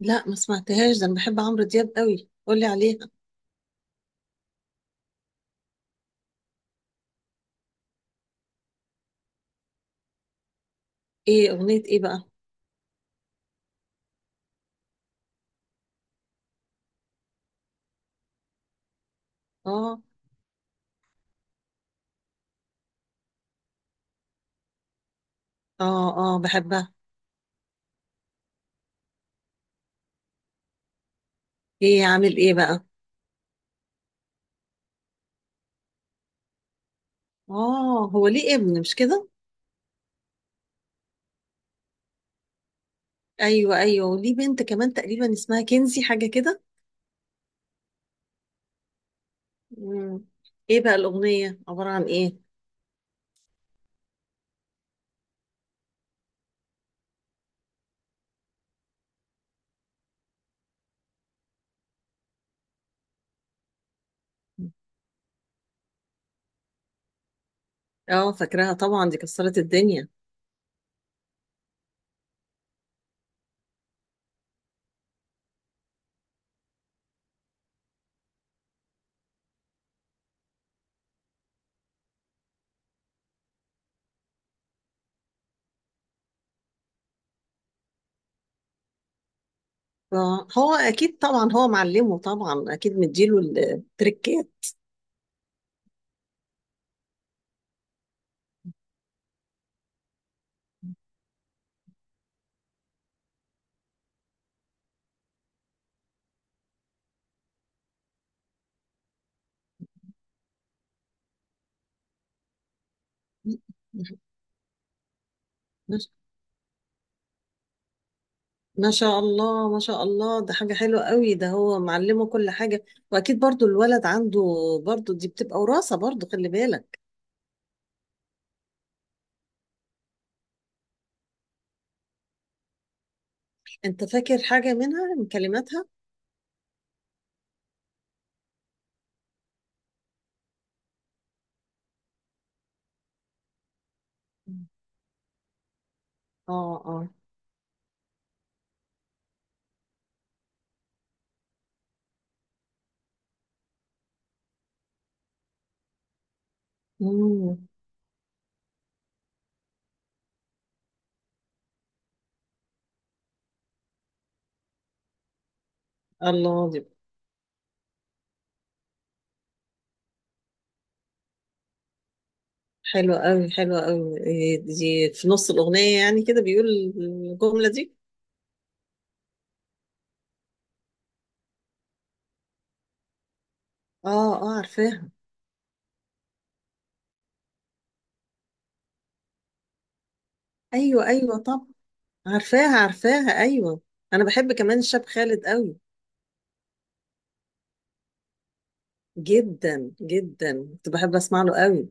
لا، ما سمعتهاش. ده انا بحب عمرو دياب قوي، قولي عليها. ايه اغنية ايه بقى؟ اه، اه، اه، بحبها. ايه عامل ايه بقى؟ اه، هو ليه ابن مش كده؟ ايوه، ايوه، وليه بنت كمان تقريبا اسمها كنزي حاجة كده. مم. ايه بقى الاغنية عبارة عن ايه؟ اه، فاكراها طبعا، دي كسرت الدنيا. آه، هو اكيد طبعا، هو معلمه طبعا، اكيد مديله التريكات. ما شاء الله، ما شاء الله، ده حاجة حلوة قوي، ده هو معلمه كل حاجة. وأكيد برضو الولد عنده، برضو دي بتبقى وراثة، برضو خلي بالك. أنت فاكر حاجة منها من كلماتها؟ اه، اه. مم. الله، دي حلوة قوي، حلوة قوي. إيه دي؟ في نص الأغنية يعني كده بيقول الجملة دي؟ اه، اه، عارفاها. أيوة، أيوة، طب، عارفاها، عارفاها، أيوة. أنا بحب كمان الشاب خالد قوي. جدا جدا، كنت بحب أسمع له قوي.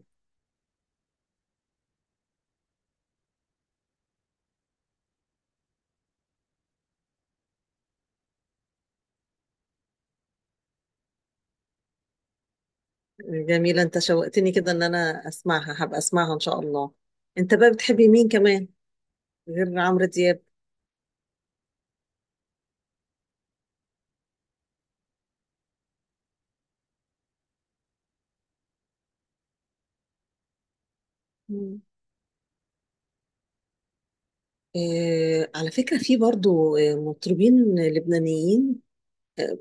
جميلة، انت شوقتني كده ان انا اسمعها، هبقى اسمعها ان شاء الله. انت بقى بتحبي مين كمان غير عمرو دياب؟ مم. آه، على فكرة في برضو مطربين لبنانيين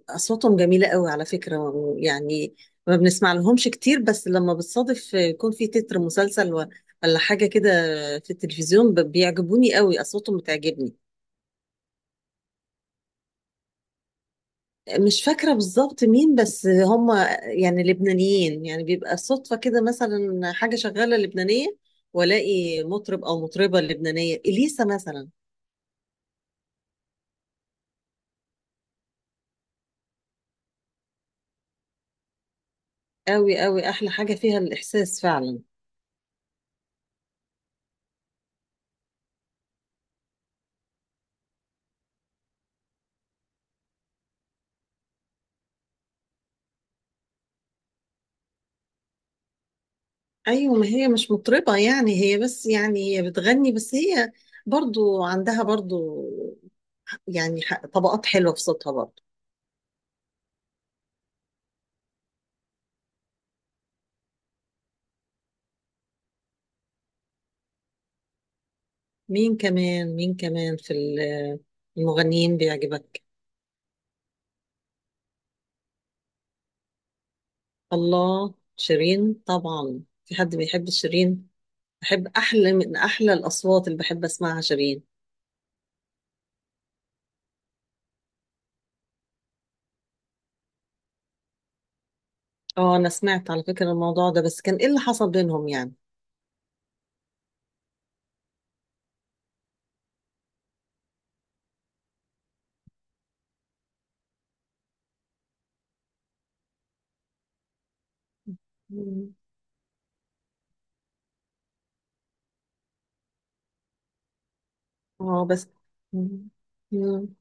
اصواتهم جميلة قوي على فكرة. يعني ما بنسمع لهمش كتير، بس لما بتصادف يكون في تتر مسلسل ولا حاجة كده في التلفزيون، بيعجبوني قوي، اصواتهم بتعجبني. مش فاكرة بالظبط مين، بس هم يعني لبنانيين، يعني بيبقى صدفة كده مثلا حاجة شغالة لبنانية، والاقي مطرب او مطربة لبنانية، اليسا مثلا. قوي قوي، احلى حاجة فيها الاحساس فعلا. ايوه، ما هي مش مطربة يعني، هي بس يعني هي بتغني، بس هي برضو عندها برضو يعني طبقات حلوة في صوتها برضو. مين كمان، مين كمان في المغنيين بيعجبك؟ الله، شيرين طبعا. في حد بيحب شيرين؟ بحب، احلى من احلى الاصوات اللي بحب اسمعها شيرين. اه، انا سمعت على فكرة الموضوع ده، بس كان ايه اللي حصل بينهم يعني؟ مم. اه، بس. مم. مم.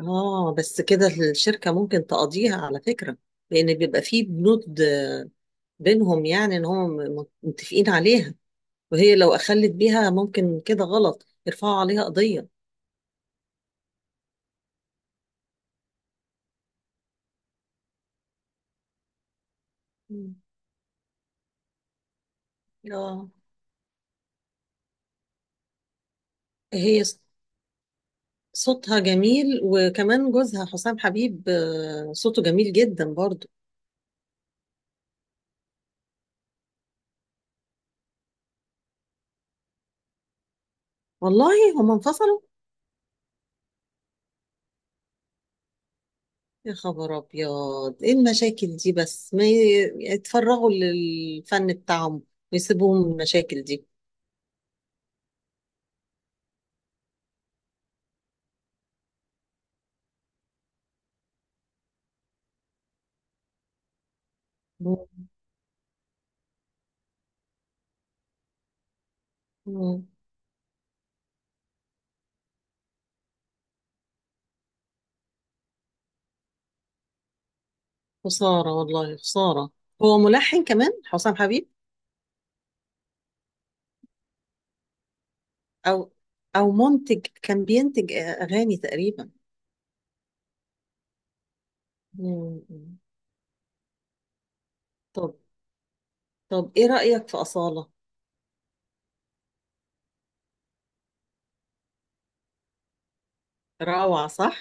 اه، بس كده الشركة ممكن تقضيها على فكرة، لأن بيبقى فيه بنود بينهم يعني إن هم متفقين عليها، وهي لو أخلت بيها ممكن كده غلط يرفعوا عليها قضية. مم. اه، هي صوتها جميل، وكمان جوزها حسام حبيب صوته جميل جدا برضو. والله، هم انفصلوا؟ يا خبر ابيض، ايه المشاكل دي؟ بس ما يتفرغوا للفن بتاعهم ويسيبوهم من المشاكل دي. مم. مم. خسارة والله، خسارة. هو ملحن كمان حسام حبيب؟ او او منتج كان بينتج اغاني تقريبا؟ مم. طب، طب ايه رأيك في أصالة؟ روعة، صح؟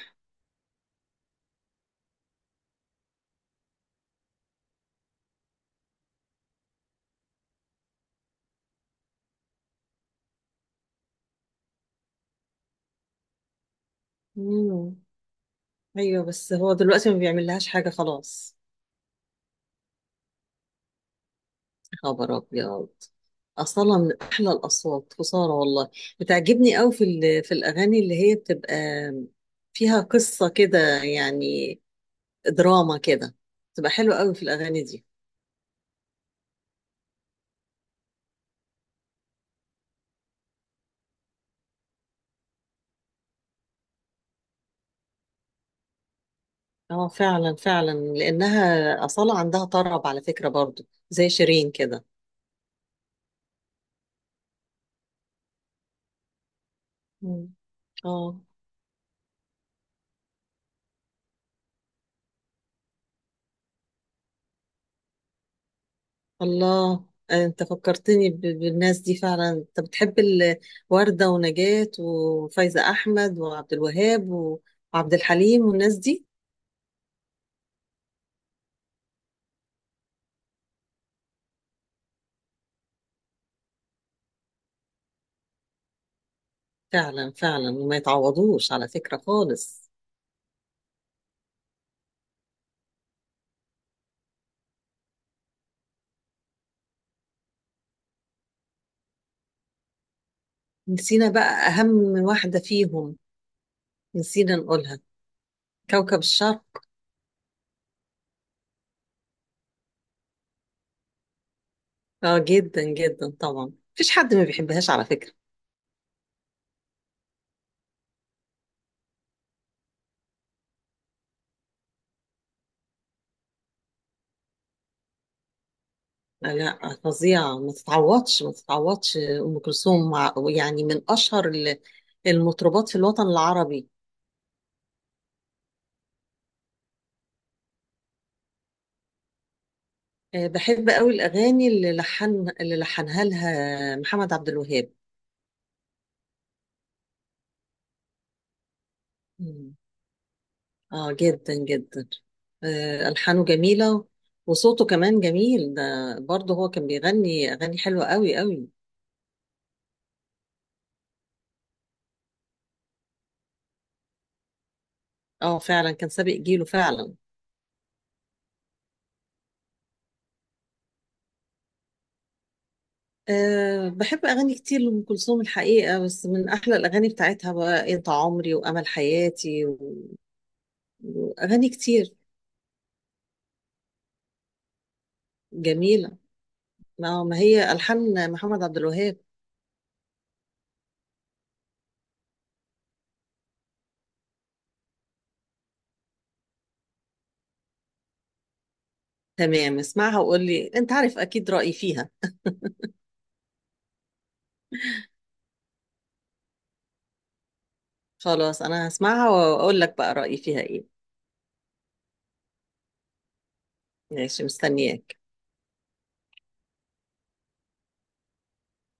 مم. ايوه، بس هو دلوقتي ما بيعمل لهاش حاجة خلاص. خبر ابيض. اصلا من احلى الاصوات، خساره والله. بتعجبني قوي في الاغاني اللي هي بتبقى فيها قصه كده يعني، دراما كده، بتبقى حلوه قوي في الاغاني دي. اه، فعلا فعلا، لانها اصاله عندها طرب على فكره، برضو زي شيرين كده. مم. اه، الله. آه، انت فكرتني بالناس دي فعلا. انت بتحب وردة ونجاة وفايزة احمد وعبد الوهاب وعبد الحليم والناس دي؟ فعلا فعلا، وما يتعوضوش على فكرة خالص. نسينا بقى أهم واحدة فيهم، نسينا نقولها، كوكب الشرق. اه، جدا جدا طبعا، مفيش حد ما بيحبهاش على فكرة. لا، لا، فظيعة، ما تتعوضش، ما تتعوضش أم كلثوم، يعني من أشهر المطربات في الوطن العربي. بحب قوي الأغاني اللي لحنها لها محمد عبد الوهاب. اه، جدا جدا. ألحانه جميلة، وصوته كمان جميل ده، برضه هو كان بيغني أغاني حلوة قوي قوي. اه، فعلا كان سابق جيله فعلا. أه، بحب أغاني كتير لأم كلثوم الحقيقة، بس من أحلى الأغاني بتاعتها بقى أنت عمري وأمل حياتي وأغاني كتير. جميلة، ما هي ألحان محمد عبد الوهاب. تمام، اسمعها وقول لي، أنت عارف أكيد رأيي فيها. خلاص، أنا هسمعها وأقول لك بقى رأيي فيها إيه. ماشي، مستنياك.